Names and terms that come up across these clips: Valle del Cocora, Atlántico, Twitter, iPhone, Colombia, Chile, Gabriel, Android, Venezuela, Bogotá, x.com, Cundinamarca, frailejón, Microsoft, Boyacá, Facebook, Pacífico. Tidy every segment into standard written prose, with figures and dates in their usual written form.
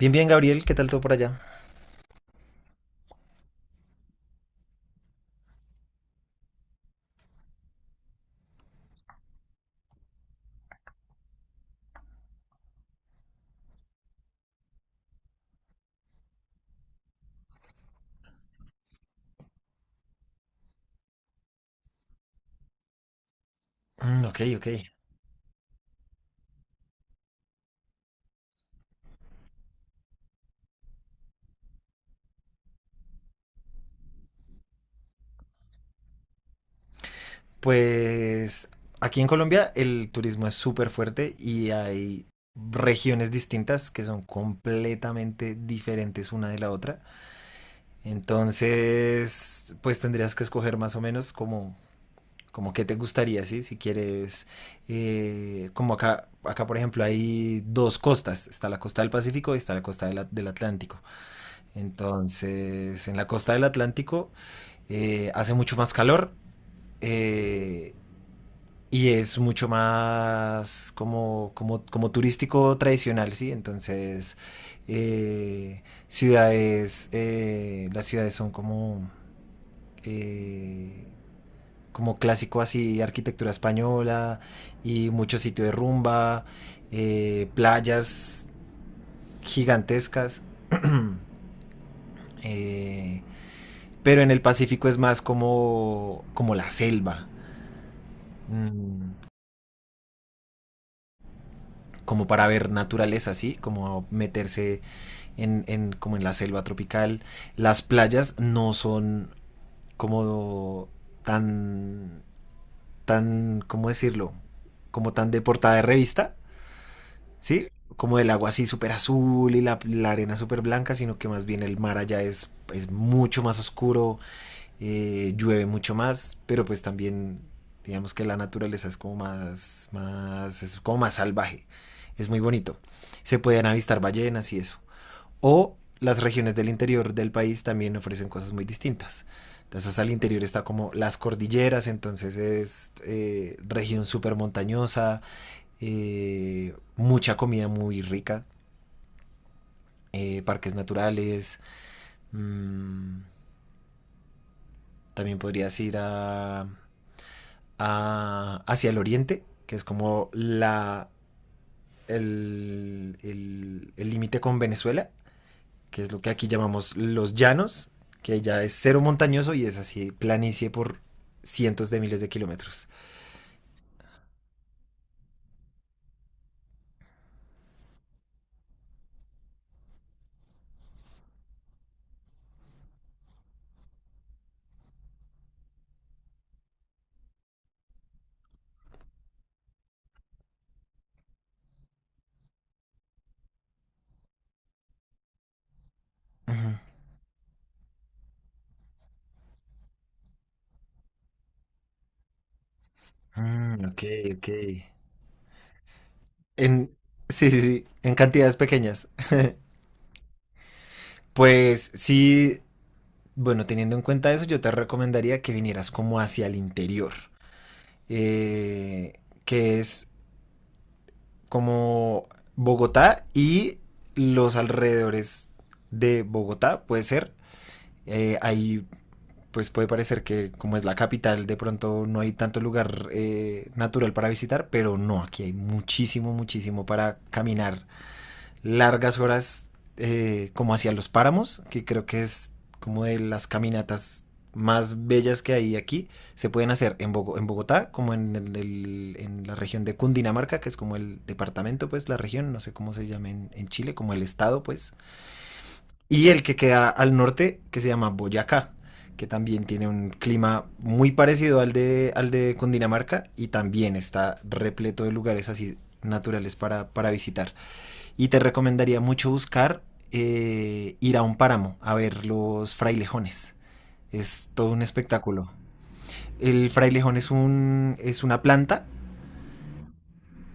Bien, bien, Gabriel, ¿qué tal todo por allá? Mm, ok, ok. Pues aquí en Colombia el turismo es súper fuerte y hay regiones distintas que son completamente diferentes una de la otra. Entonces, pues tendrías que escoger más o menos como qué te gustaría, ¿sí? Si quieres, como acá por ejemplo hay dos costas, está la costa del Pacífico y está la costa del Atlántico. Entonces, en la costa del Atlántico hace mucho más calor. Eh, y es mucho más como turístico tradicional, ¿sí? Entonces, las ciudades son eh, como clásico así, arquitectura española y mucho sitio de rumba, playas gigantescas. Eh, pero en el Pacífico es más como la selva. Mm, Como para ver naturaleza, ¿sí? Como meterse como en la selva tropical. Las playas no son como tan, tan, ¿cómo decirlo? Como tan de portada de revista, ¿sí? Como el agua así súper azul y la arena súper blanca, sino que más bien el mar allá es mucho más oscuro, llueve mucho más, pero pues también digamos que la naturaleza es como más salvaje, es muy bonito. Se pueden avistar ballenas y eso. O las regiones del interior del país también ofrecen cosas muy distintas. Entonces al interior está como las cordilleras, entonces es región súper montañosa, mucha comida muy rica, parques naturales, mmm, también podrías ir hacia el oriente, que es como el límite con Venezuela, que es lo que aquí llamamos los llanos, que ya es cero montañoso y es así planicie por cientos de miles de kilómetros. Ujú. Mm, ok, ok. En, sí, sí, sí, en cantidades pequeñas. Pues sí, bueno, teniendo en cuenta eso, yo te recomendaría que vinieras como hacia el interior, eh, que es como Bogotá y los alrededores de Bogotá, puede ser. Ahí pues puede parecer que como es la capital, de pronto no hay tanto lugar natural para visitar, pero no, aquí hay muchísimo, muchísimo para caminar largas horas como hacia los páramos, que creo que es como de las caminatas más bellas que hay aquí, se pueden hacer en Bogotá, como en la región de Cundinamarca, que es como el departamento, pues la región, no sé cómo se llama en Chile, como el estado, pues. Y el que queda al norte, que se llama Boyacá, que también tiene un clima muy parecido al de Cundinamarca y también está repleto de lugares así naturales para visitar. Y te recomendaría mucho buscar ir a un páramo a ver los frailejones. Es todo un espectáculo. El frailejón es una planta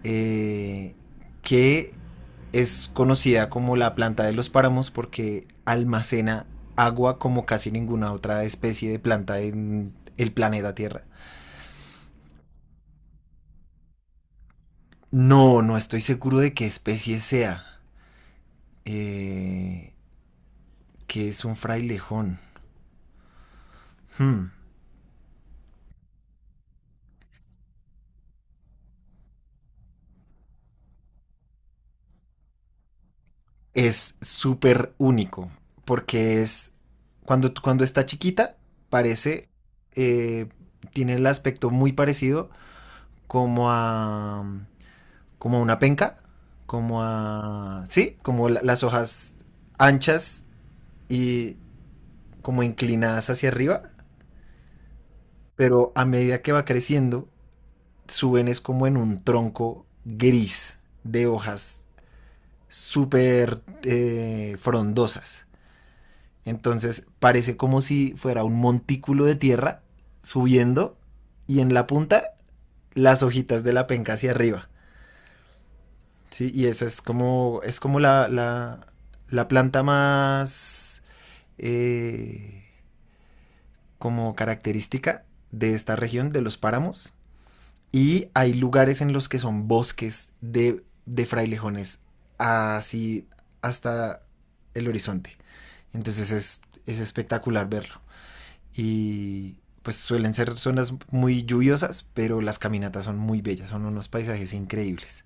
eh, que es conocida como la planta de los páramos porque almacena agua como casi ninguna otra especie de planta en el planeta Tierra. No, no estoy seguro de qué especie sea. Eh, que es un frailejón. Hmm. Es súper único, porque cuando está chiquita, parece, eh, tiene el aspecto muy parecido como a, como a una penca, como a, sí, como las hojas anchas y como inclinadas hacia arriba, pero a medida que va creciendo, suben es como en un tronco gris de hojas súper frondosas. Entonces parece como si fuera un montículo de tierra subiendo y en la punta las hojitas de la penca hacia arriba. Sí, y esa es como la planta más eh, como característica de esta región, de los páramos. Y hay lugares en los que son bosques de frailejones así hasta el horizonte. Entonces es espectacular verlo. Y pues suelen ser zonas muy lluviosas, pero las caminatas son muy bellas, son unos paisajes increíbles.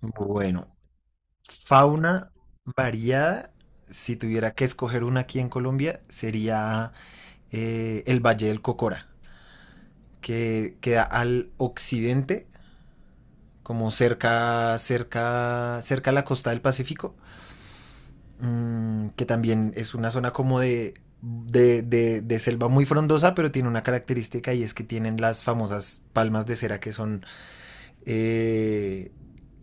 Bueno, fauna variada, si tuviera que escoger una aquí en Colombia, sería el Valle del Cocora, que queda al occidente, como cerca, cerca, cerca a la costa del Pacífico, que también es una zona como de selva muy frondosa, pero tiene una característica y es que tienen las famosas palmas de cera que son eh,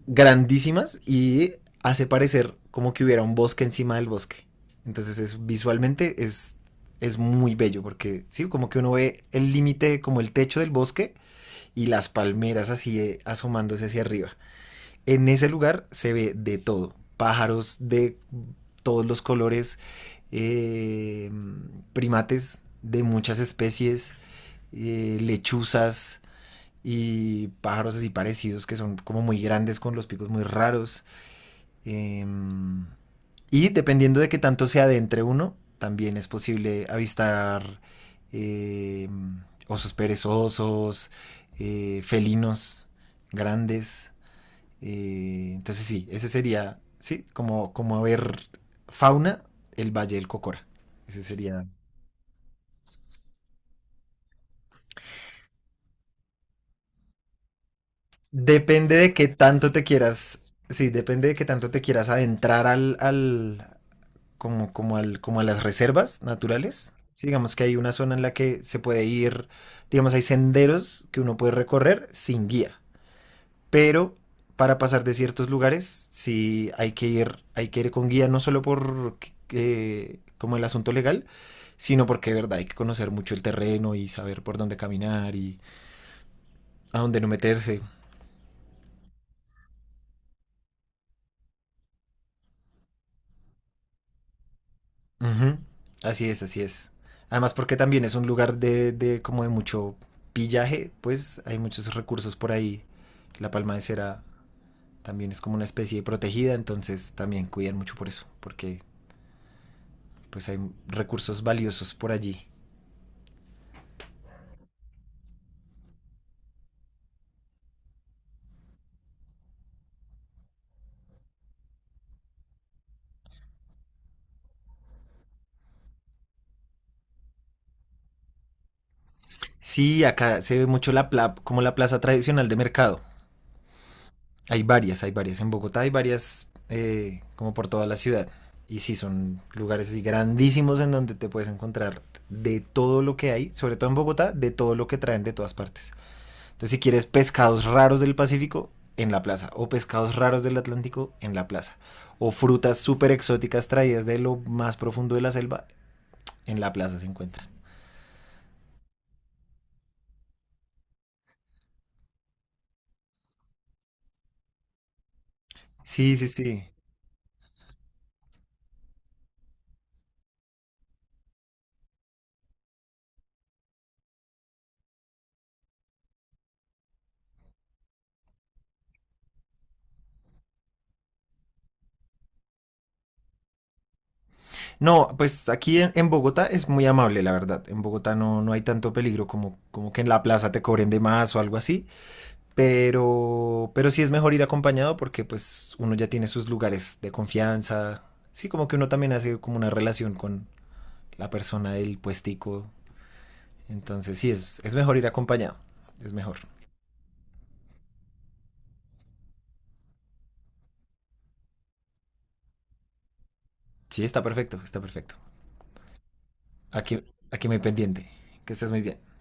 grandísimas y hace parecer como que hubiera un bosque encima del bosque. Entonces visualmente es muy bello porque sí, como que uno ve el límite, como el techo del bosque y las palmeras así asomándose hacia arriba. En ese lugar se ve de todo, pájaros de todos los colores, eh, primates de muchas especies, lechuzas y pájaros así parecidos que son como muy grandes con los picos muy raros. Eh, y dependiendo de qué tanto se adentre uno, también es posible avistar eh, osos perezosos, felinos grandes. Entonces sí, ese sería, sí, como ver fauna, el Valle del Cocora. Ese sería. Depende de qué tanto te quieras, sí, depende de qué tanto te quieras adentrar al, al, como, como al, como a las reservas naturales. Sí, digamos que hay una zona en la que se puede ir, digamos, hay senderos que uno puede recorrer sin guía. Pero para pasar de ciertos lugares sí hay que ir con guía, no solo por como el asunto legal, sino porque de verdad hay que conocer mucho el terreno y saber por dónde caminar y a dónde no meterse. Ujú. Así es, así es. Además porque también es un lugar de como de mucho pillaje, pues hay muchos recursos por ahí. La palma de cera también es como una especie protegida, entonces también cuidan mucho por eso, porque pues hay recursos valiosos por allí. Sí, acá se ve mucho la plaza tradicional de mercado. Hay varias, hay varias. En Bogotá hay varias como por toda la ciudad. Y sí, son lugares así grandísimos en donde te puedes encontrar de todo lo que hay, sobre todo en Bogotá, de todo lo que traen de todas partes. Entonces, si quieres pescados raros del Pacífico, en la plaza. O pescados raros del Atlántico, en la plaza. O frutas súper exóticas traídas de lo más profundo de la selva, en la plaza se encuentran. Sí, sí, sí. No, pues aquí en Bogotá es muy amable, la verdad. En Bogotá no, no hay tanto peligro como que en la plaza te cobren de más o algo así. Pero sí es mejor ir acompañado porque pues uno ya tiene sus lugares de confianza. Sí, como que uno también hace como una relación con la persona del puestico. Entonces sí, es mejor ir acompañado. Es mejor. Sí, está perfecto, está perfecto. Aquí, aquí muy pendiente. Que estés muy bien.